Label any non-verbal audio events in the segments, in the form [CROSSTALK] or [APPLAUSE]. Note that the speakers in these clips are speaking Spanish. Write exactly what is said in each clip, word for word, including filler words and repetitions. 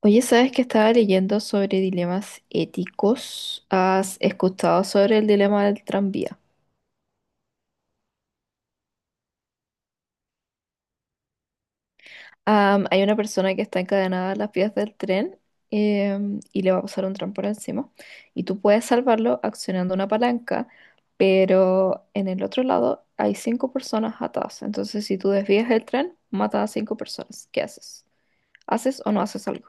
Oye, ¿sabes que estaba leyendo sobre dilemas éticos? ¿Has escuchado sobre el dilema del tranvía? Am, hay una persona que está encadenada a las vías del tren, em, y le va a pasar un tren por encima. Y tú puedes salvarlo accionando una palanca, pero en el otro lado hay cinco personas atadas. Entonces, si tú desvías el tren, mata a cinco personas. ¿Qué haces? ¿Haces o no haces algo?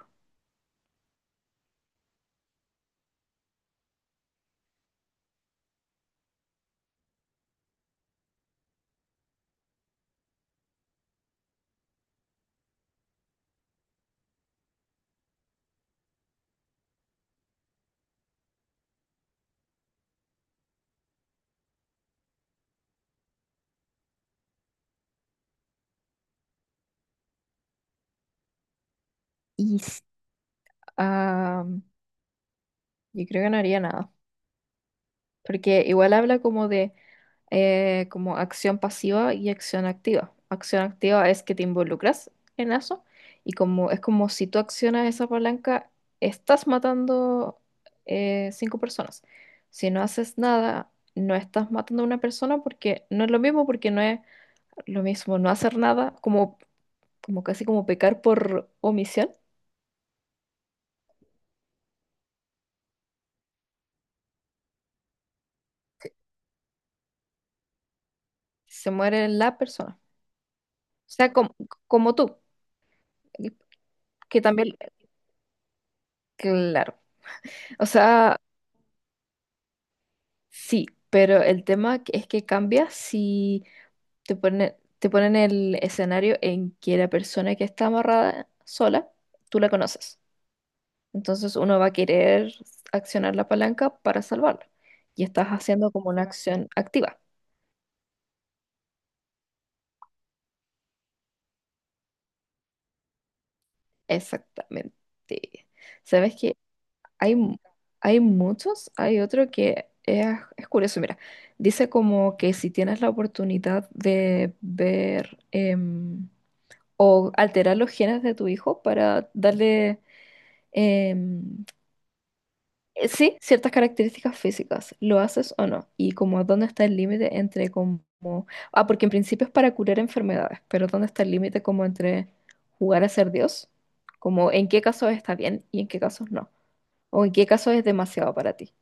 Y s- am, yo creo que no haría nada, porque igual habla como de eh, como acción pasiva y acción activa. Acción activa es que te involucras en eso y como es como si tú accionas esa palanca, estás matando eh, cinco personas. Si no haces nada, no estás matando a una persona porque no es lo mismo, porque no es lo mismo no hacer nada, como, como casi como pecar por omisión, se muere la persona. O sea, como, como tú, que también, claro. O sea, sí, pero el tema que- es que cambia si te ponen, te ponen el escenario en que la persona que está amarrada sola, tú la conoces. Entonces uno va a querer accionar la palanca para salvarla. Y estás haciendo como una acción activa. Exactamente. ¿Sabes que Hay, mu- hay muchos, hay otro que es, es curioso. Mira, dice como que si tienes la oportunidad de ver... em, o alterar los genes de tu hijo para darle, em, eh, sí, ciertas características físicas. ¿Lo haces o no? Y como dónde está el límite entre como... Ah, porque en principio es para curar enfermedades, pero ¿dónde está el límite como entre jugar a ser Dios? Como en qué casos está bien y en qué casos no. O en qué casos es demasiado para ti.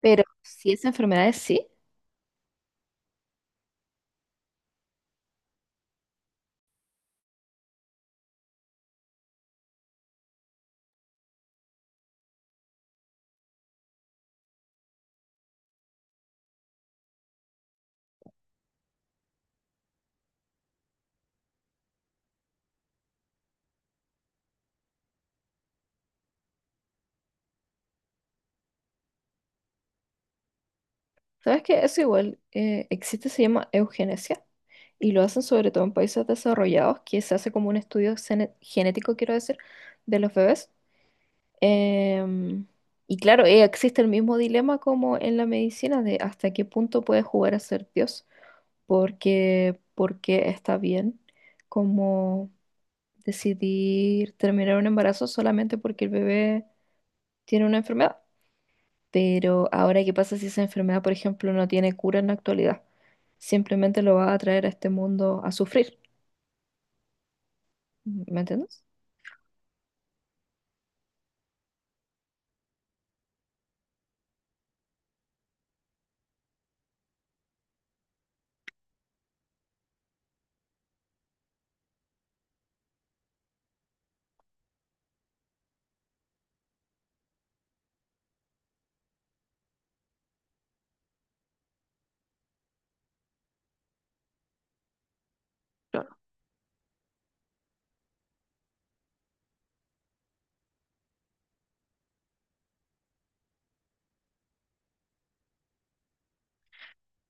Pero si es enfermedades, sí. ¿Sabes qué? Eso igual eh, existe, se llama eugenesia y lo hacen sobre todo en países desarrollados, que se hace como un estudio gene- genético, quiero decir, de los bebés. Em, y claro, eh, existe el mismo dilema como en la medicina de hasta qué punto puede jugar a ser Dios, porque, porque está bien como decidir terminar un embarazo solamente porque el bebé tiene una enfermedad. Pero ahora, ¿qué pasa si esa enfermedad, por ejemplo, no tiene cura en la actualidad? Simplemente lo va a traer a este mundo a sufrir. ¿Me entiendes?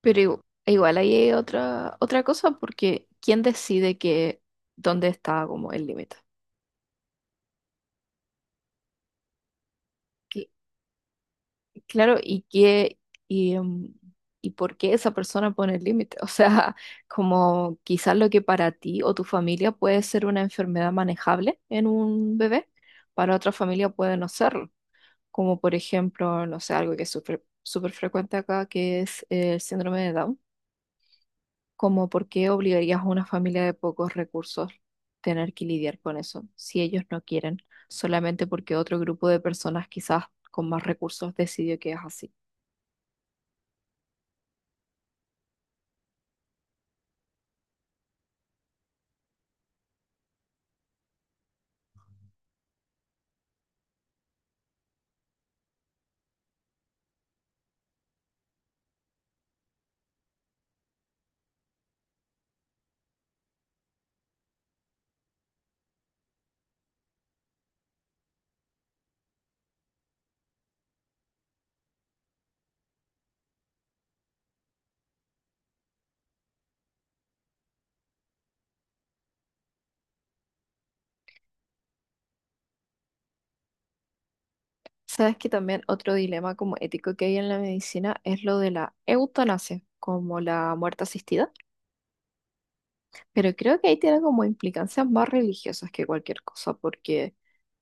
Pero igu- igual ahí hay otra, otra cosa, porque ¿quién decide que dónde está como el límite? Y- Claro, y qué y, em, y por qué esa persona pone el límite. O sea, [LAUGHS] como quizás lo que para ti o tu familia puede ser una enfermedad manejable en un bebé, para otra familia puede no serlo. Como por ejemplo, no sé, algo que es súper súper frecuente acá, que es eh, el síndrome de Down, como por qué obligarías a una familia de pocos recursos tener que lidiar con eso, si ellos no quieren, solamente porque otro grupo de personas quizás con más recursos decidió que es así. Sabes que también otro dilema como ético que hay en la medicina es lo de la eutanasia, como la muerte asistida. Pero creo que ahí tiene como implicancias más religiosas que cualquier cosa, porque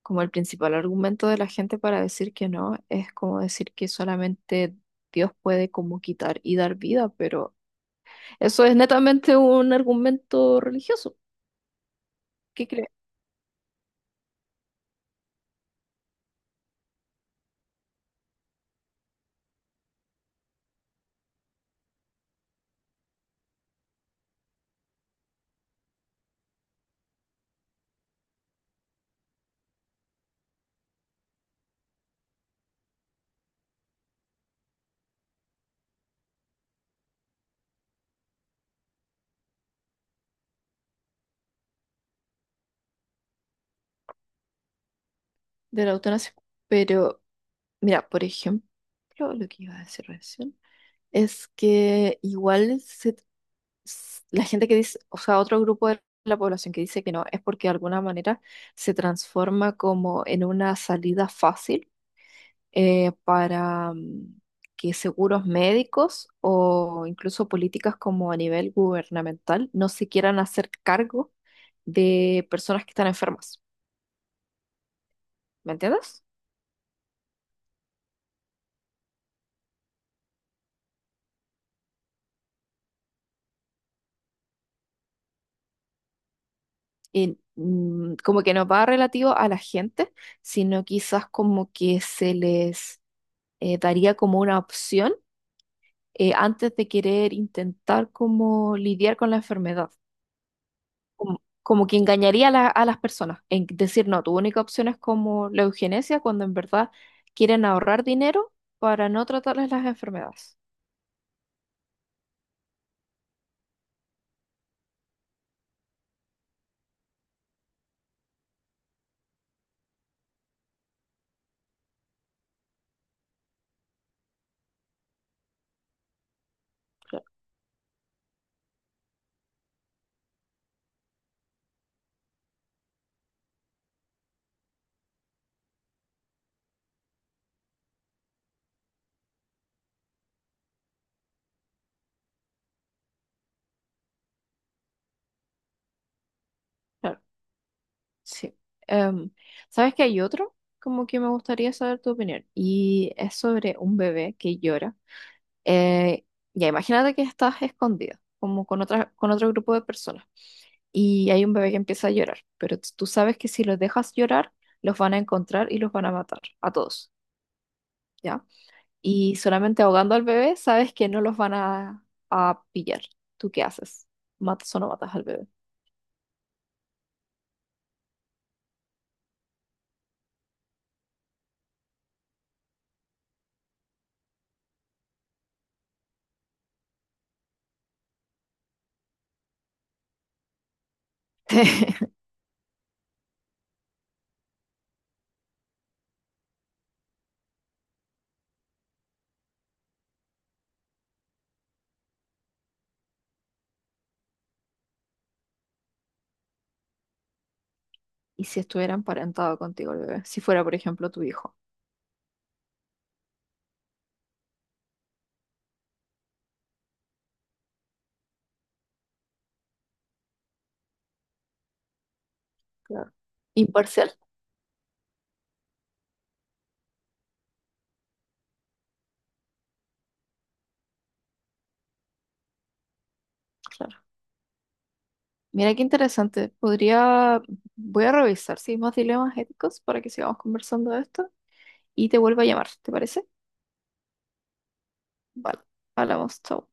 como el principal argumento de la gente para decir que no es como decir que solamente Dios puede como quitar y dar vida, pero eso es netamente un argumento religioso. ¿Qué cree de la eutanasia? Pero mira, por ejemplo, lo que iba a decir recién es que igual se s- la gente que dice, o sea, otro grupo de la población que dice que no, es porque de alguna manera se transforma como en una salida fácil eh, para mm, que seguros médicos o incluso políticas como a nivel gubernamental no se quieran hacer cargo de personas que están enfermas. ¿Me entiendes? Y mm, como que no va relativo a la gente, sino quizás como que se les eh, daría como una opción eh, antes de querer intentar como lidiar con la enfermedad. Como, como que engañaría a, la- a las personas en decir, no, tu única opción es como la eugenesia cuando en verdad quieren ahorrar dinero para no tratarles las enfermedades. Claro, claro, sí. Em, ¿sabes que hay otro? Como que me gustaría saber tu opinión. Y es sobre un bebé que llora. Eh, ya imagínate que estás escondida, como con otra, con otro grupo de personas, y hay un bebé que empieza a llorar, pero t- tú sabes que si los dejas llorar, los van a encontrar y los van a matar, a todos, ¿ya? Y solamente ahogando al bebé, sabes que no los van a, a pillar. ¿Tú qué haces? ¿Matas o no matas al bebé? [LAUGHS] ¿Y si estuviera emparentado contigo el bebé? Si fuera, por ejemplo, tu hijo. Claro. Imparcial, claro. Mira qué interesante. Podría, voy a revisar si hay más dilemas éticos para que sigamos conversando de esto y te vuelvo a llamar, ¿te parece? Vale, hablamos, chao.